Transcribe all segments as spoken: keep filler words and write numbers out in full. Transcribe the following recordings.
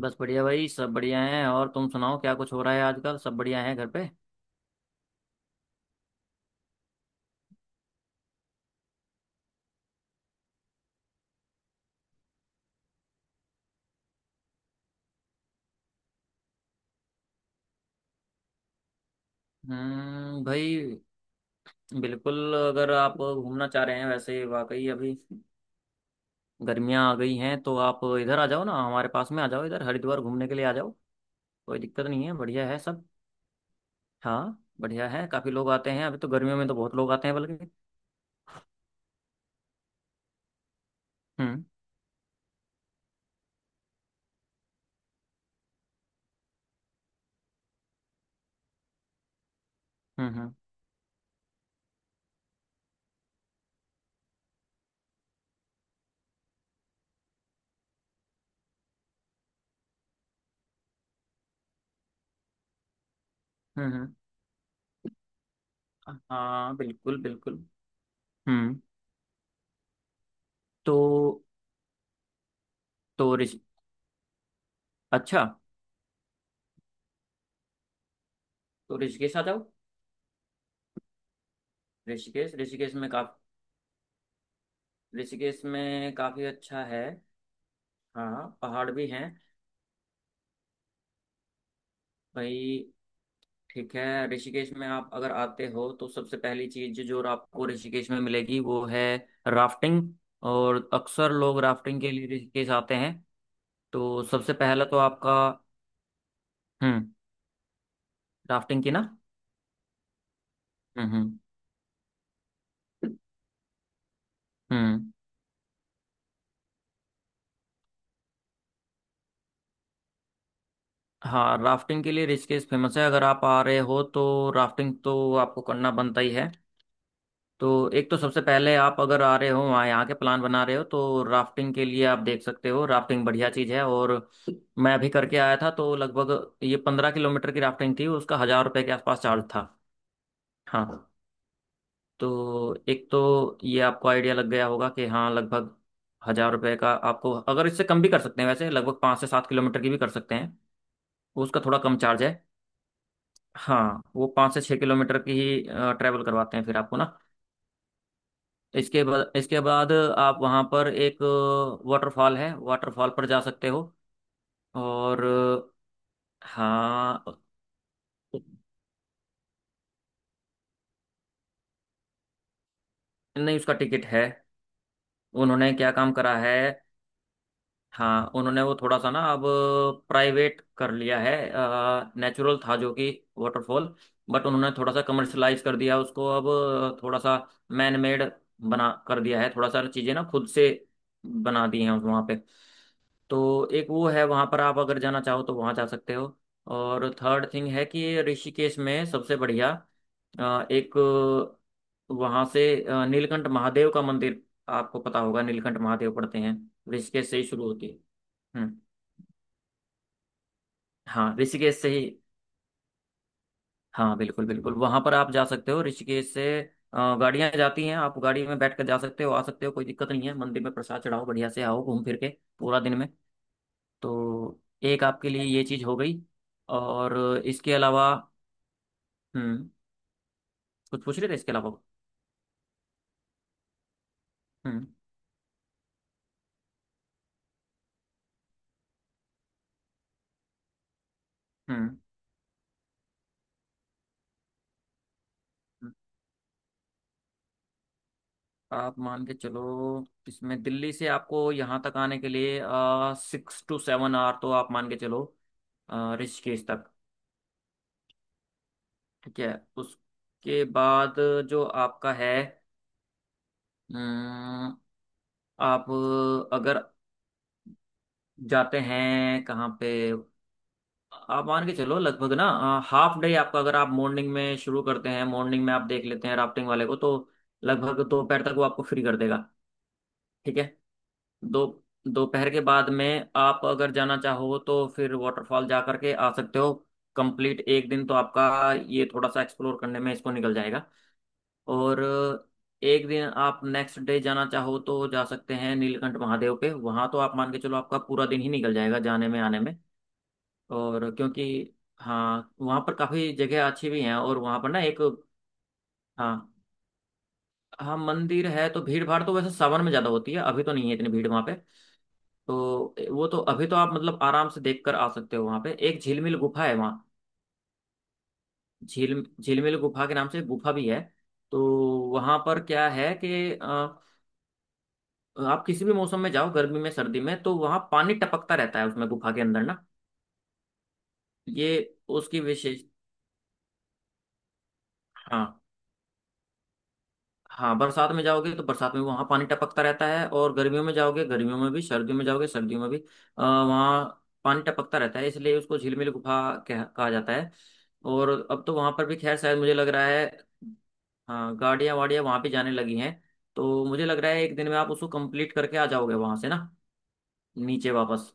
बस बढ़िया भाई, सब बढ़िया हैं। और तुम सुनाओ, क्या कुछ हो रहा है आजकल? सब बढ़िया है घर पे। हम्म, भाई बिल्कुल। अगर आप घूमना चाह रहे हैं, वैसे वाकई अभी गर्मियां आ गई हैं, तो आप इधर आ जाओ ना, हमारे पास में आ जाओ इधर, हरिद्वार घूमने के लिए आ जाओ। कोई दिक्कत नहीं है, बढ़िया है सब। हाँ बढ़िया है, काफी लोग आते हैं। अभी तो गर्मियों में तो बहुत लोग आते हैं बल्कि। हम्म, हम्म, हम्म, हम्म, हम्म। हाँ बिल्कुल बिल्कुल। हम्म। तो। तो ऋषि अच्छा, तो ऋषिकेश आ जाओ। ऋषिकेश। ऋषिकेश में काफी ऋषिकेश में काफी अच्छा है। हाँ पहाड़ भी हैं। भाई ठीक है, ऋषिकेश में आप अगर आते हो तो सबसे पहली चीज जो आपको ऋषिकेश में मिलेगी वो है राफ्टिंग। और अक्सर लोग राफ्टिंग के लिए ऋषिकेश आते हैं। तो सबसे पहला तो आपका। हम्म, राफ्टिंग की ना। हम्म, हम्म, हम्म। हाँ, राफ्टिंग के लिए ऋषिकेश फेमस है। अगर आप आ रहे हो तो राफ्टिंग तो आपको करना बनता ही है। तो एक तो सबसे पहले, आप अगर आ रहे हो वहाँ, यहाँ के प्लान बना रहे हो, तो राफ्टिंग के लिए आप देख सकते हो। राफ्टिंग बढ़िया चीज़ है। और मैं अभी करके आया था, तो लगभग ये पंद्रह किलोमीटर की राफ्टिंग थी। उसका हजार रुपये के आसपास चार्ज था। हाँ, तो एक तो ये आपको आइडिया लग गया होगा कि हाँ, लगभग हजार रुपये का। आपको अगर इससे कम भी कर सकते हैं वैसे, लगभग पाँच से सात किलोमीटर की भी कर सकते हैं। उसका थोड़ा कम चार्ज है। हाँ, वो पाँच से छः किलोमीटर की ही ट्रैवल करवाते हैं फिर आपको ना। इसके बाद इसके बाद आप वहाँ पर एक वाटरफॉल है, वाटरफॉल पर जा सकते हो। और हाँ, नहीं उसका टिकट है। उन्होंने क्या काम करा है, हाँ उन्होंने वो थोड़ा सा ना, अब प्राइवेट कर लिया है। नेचुरल था जो कि वाटरफॉल, बट उन्होंने थोड़ा सा कमर्शलाइज कर दिया उसको अब। थोड़ा सा मैन मेड बना कर दिया है, थोड़ा सा चीज़ें ना खुद से बना दी हैं वहाँ पे। तो एक वो है, वहां पर आप अगर जाना चाहो तो वहां जा सकते हो। और थर्ड थिंग है कि ये ऋषिकेश में सबसे बढ़िया, अ, एक, वहां से अ, नीलकंठ महादेव का मंदिर। आपको पता होगा नीलकंठ महादेव पढ़ते हैं, ऋषिकेश से ही शुरू होती है। हम्म। हाँ ऋषिकेश से ही। हाँ बिल्कुल बिल्कुल, वहां पर आप जा सकते हो। ऋषिकेश से गाड़ियां जाती हैं, आप गाड़ी में बैठ कर जा सकते हो, आ सकते हो, कोई दिक्कत नहीं है। मंदिर में प्रसाद चढ़ाओ, बढ़िया से आओ घूम फिर के पूरा दिन में। तो एक आपके लिए ये चीज हो गई। और इसके अलावा, हम्म, कुछ पूछ रहे थे इसके अलावा। हम्म, हम्म, हम्म। आप मान के चलो, इसमें दिल्ली से आपको यहाँ तक आने के लिए सिक्स टू सेवन आवर तो आप मान के चलो, अ, ऋषिकेश तक। ठीक है, उसके बाद जो आपका है, अम, आप अगर जाते हैं कहाँ पे, आप मान के चलो लगभग ना, हाफ डे आपका। अगर आप मॉर्निंग में शुरू करते हैं, मॉर्निंग में आप देख लेते हैं राफ्टिंग वाले को, तो लगभग दोपहर तक वो आपको फ्री कर देगा। ठीक है, दो दोपहर के बाद में आप अगर जाना चाहो तो फिर वाटरफॉल जा करके आ सकते हो। कंप्लीट एक दिन तो आपका ये थोड़ा सा एक्सप्लोर करने में इसको निकल जाएगा। और एक दिन आप नेक्स्ट डे जाना चाहो तो जा सकते हैं नीलकंठ महादेव पे, वहां तो आप मान के चलो आपका पूरा दिन ही निकल जाएगा जाने में आने में। और क्योंकि हाँ वहाँ पर काफी जगह अच्छी भी हैं। और वहाँ पर ना एक, हाँ हाँ मंदिर है तो भीड़ भाड़ तो वैसे सावन में ज्यादा होती है, अभी तो नहीं है इतनी भीड़ वहाँ पे। तो वो तो अभी तो आप मतलब आराम से देख कर आ सकते हो। वहाँ पे एक झिलमिल गुफा है, वहाँ झील झिलमिल गुफा के नाम से एक गुफा भी है। तो वहाँ पर क्या है कि अ, आप किसी भी मौसम में जाओ, गर्मी में सर्दी में, तो वहाँ पानी टपकता रहता है उसमें गुफा के अंदर ना। ये उसकी विशेष। हाँ। हाँ, बरसात में जाओगे तो बरसात में वहाँ पानी टपकता रहता है, और गर्मियों में जाओगे गर्मियों में भी, सर्दियों में जाओगे सर्दियों में भी अ, वहाँ पानी टपकता रहता है, इसलिए उसको झिलमिल गुफा कह, कहा जाता है। और अब तो वहाँ पर भी खैर शायद मुझे लग रहा है, हाँ गाड़ियाँ वाड़ियाँ वहाँ भी जाने लगी हैं। तो मुझे लग रहा है एक दिन में आप उसको कंप्लीट करके आ जाओगे वहाँ से ना, नीचे वापस।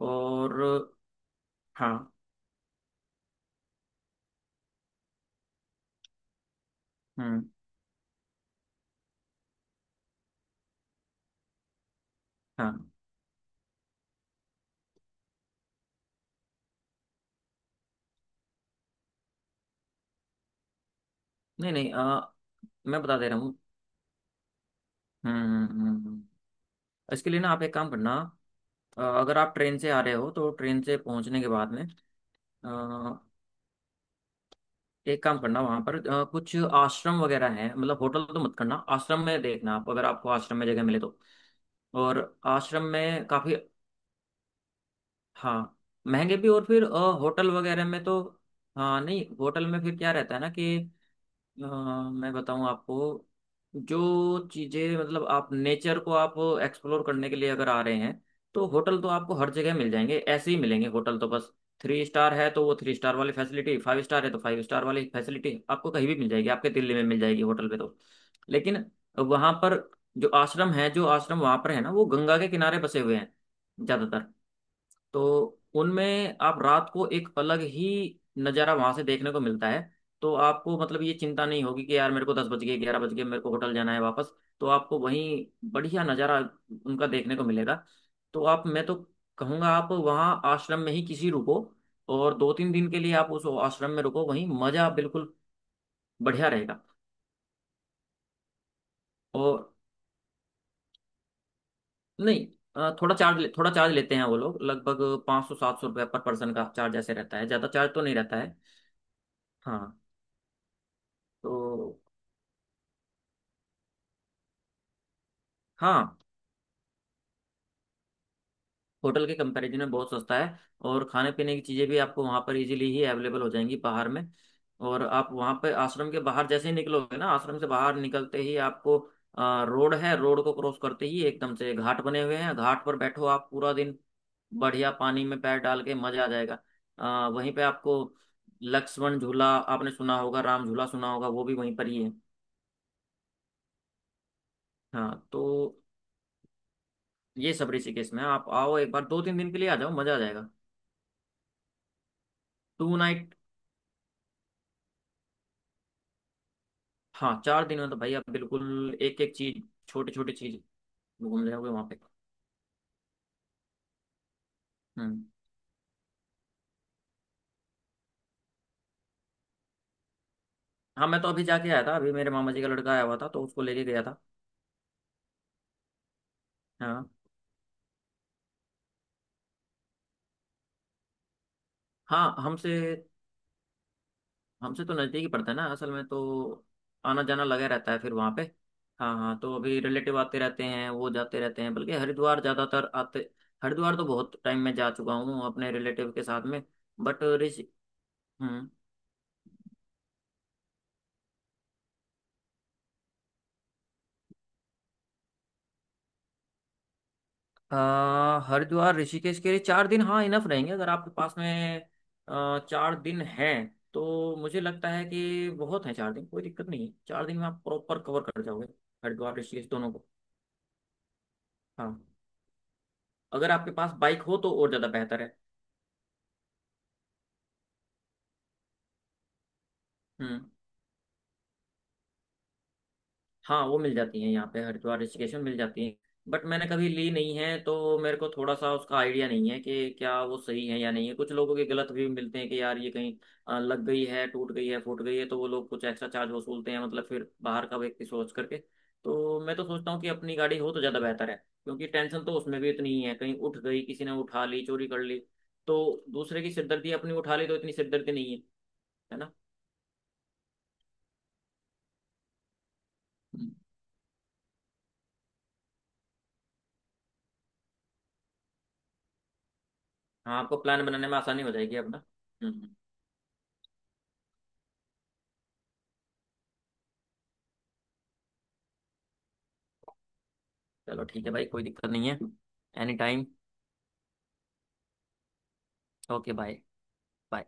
और हाँ। हम्म। हाँ। नहीं नहीं, अ, मैं बता दे रहा हूँ। हम्म, हम्म, हम्म, हम्म। हम्म। इसके लिए ना आप एक काम करना, अ, अगर आप ट्रेन से आ रहे हो तो ट्रेन से पहुंचने के बाद में अ, एक काम करना, वहां पर अ, कुछ आश्रम वगैरह हैं, मतलब होटल तो मत करना, आश्रम में देखना, आप अगर आपको आश्रम में जगह मिले तो। और आश्रम में काफी, हाँ महंगे भी, और फिर अ, होटल वगैरह में तो, हाँ नहीं होटल में फिर क्या रहता है ना कि, अ, मैं बताऊं आपको। जो चीज़ें मतलब आप नेचर को आप एक्सप्लोर करने के लिए अगर आ रहे हैं, तो होटल तो आपको हर जगह मिल जाएंगे, ऐसे ही मिलेंगे होटल तो बस। थ्री स्टार है तो वो थ्री स्टार वाली फैसिलिटी, फाइव स्टार है तो फाइव स्टार वाली फैसिलिटी, आपको कहीं भी मिल जाएगी, आपके दिल्ली में मिल जाएगी होटल पे तो। लेकिन वहां पर जो आश्रम है जो आश्रम वहां पर है ना, वो गंगा के किनारे बसे हुए हैं ज्यादातर। तो उनमें आप रात को एक अलग ही नज़ारा वहां से देखने को मिलता है। तो आपको मतलब ये चिंता नहीं होगी कि यार मेरे को दस बज गए, ग्यारह बज गए, मेरे को होटल जाना है वापस। तो आपको वहीं बढ़िया नज़ारा उनका देखने को मिलेगा। तो आप मैं तो कहूँगा आप वहाँ आश्रम में ही किसी रुको, और दो तीन दिन के लिए आप उस आश्रम में रुको, वहीं मज़ा बिल्कुल बढ़िया रहेगा। और नहीं, अ, थोड़ा चार्ज थोड़ा चार्ज लेते हैं वो लोग, लगभग पाँच सौ सात सौ रुपये पर पर्सन का चार्ज ऐसे रहता है, ज़्यादा चार्ज तो नहीं रहता है। हाँ। तो हाँ, होटल के कंपैरिजन में बहुत सस्ता है। और खाने पीने की चीज़ें भी आपको वहाँ पर इजीली ही अवेलेबल हो जाएंगी बाहर में। और आप वहाँ पर आश्रम के बाहर जैसे ही निकलोगे ना, आश्रम से बाहर निकलते ही आपको आ, रोड है, रोड को क्रॉस करते ही एकदम से घाट बने हुए हैं। घाट पर बैठो आप पूरा दिन, बढ़िया पानी में पैर डाल के मजा आ जाएगा। आ, वहीं पे आपको लक्ष्मण झूला आपने सुना होगा, राम झूला सुना होगा, वो भी वहीं पर ही है। हाँ तो ये सब ऋषिकेश में है। आप आओ एक बार, दो तीन दिन के लिए आ जाओ, मजा आ जाएगा। To night. हाँ, चार दिन में तो भाई आप बिल्कुल एक एक चीज, छोटी छोटी चीज घूम ले होगे वहाँ पे। हम्म। हाँ, मैं तो अभी जाके आया था। अभी मेरे मामा जी का लड़का आया हुआ था, तो उसको लेके गया था। हाँ। हाँ, हमसे हमसे तो नज़दीक ही पड़ता है ना असल में तो, आना जाना लगा रहता है फिर वहाँ पे। हाँ हाँ, तो अभी रिलेटिव आते रहते हैं, वो जाते रहते हैं। बल्कि हरिद्वार ज़्यादातर आते, हरिद्वार तो बहुत टाइम में जा चुका हूँ अपने रिलेटिव के साथ में। बट ऋषि। हम्म। आ, हरिद्वार ऋषिकेश के लिए चार दिन, हाँ इनफ रहेंगे। अगर आपके पास में आ, चार दिन हैं, तो मुझे लगता है कि बहुत है चार दिन, कोई दिक्कत नहीं है, चार दिन में आप प्रॉपर कवर कर जाओगे हरिद्वार ऋषिकेश दोनों को। हाँ, अगर आपके पास बाइक हो तो और ज़्यादा बेहतर है। हम्म। हाँ, वो मिल जाती हैं यहाँ पे, हरिद्वार ऋषिकेश में मिल जाती हैं। बट मैंने कभी ली नहीं है, तो मेरे को थोड़ा सा उसका आइडिया नहीं है कि क्या वो सही है या नहीं है। कुछ लोगों के गलत भी मिलते हैं कि यार ये कहीं अ, लग गई है, टूट गई है, फूट गई है, तो वो लोग कुछ एक्स्ट्रा चार्ज वसूलते हैं, मतलब फिर बाहर का व्यक्ति सोच करके। तो मैं तो सोचता हूँ कि अपनी गाड़ी हो तो ज़्यादा बेहतर है। क्योंकि टेंशन तो उसमें भी इतनी ही है, कहीं उठ गई, किसी ने उठा ली, चोरी कर ली। तो दूसरे की सिरदर्दी अपनी उठा ली तो इतनी सिरदर्दी नहीं है, है ना। हम्म। हाँ आपको प्लान बनाने में आसानी हो जाएगी अपना। हम्म, चलो ठीक है भाई, कोई दिक्कत नहीं है। Any time. Okay bye. Bye.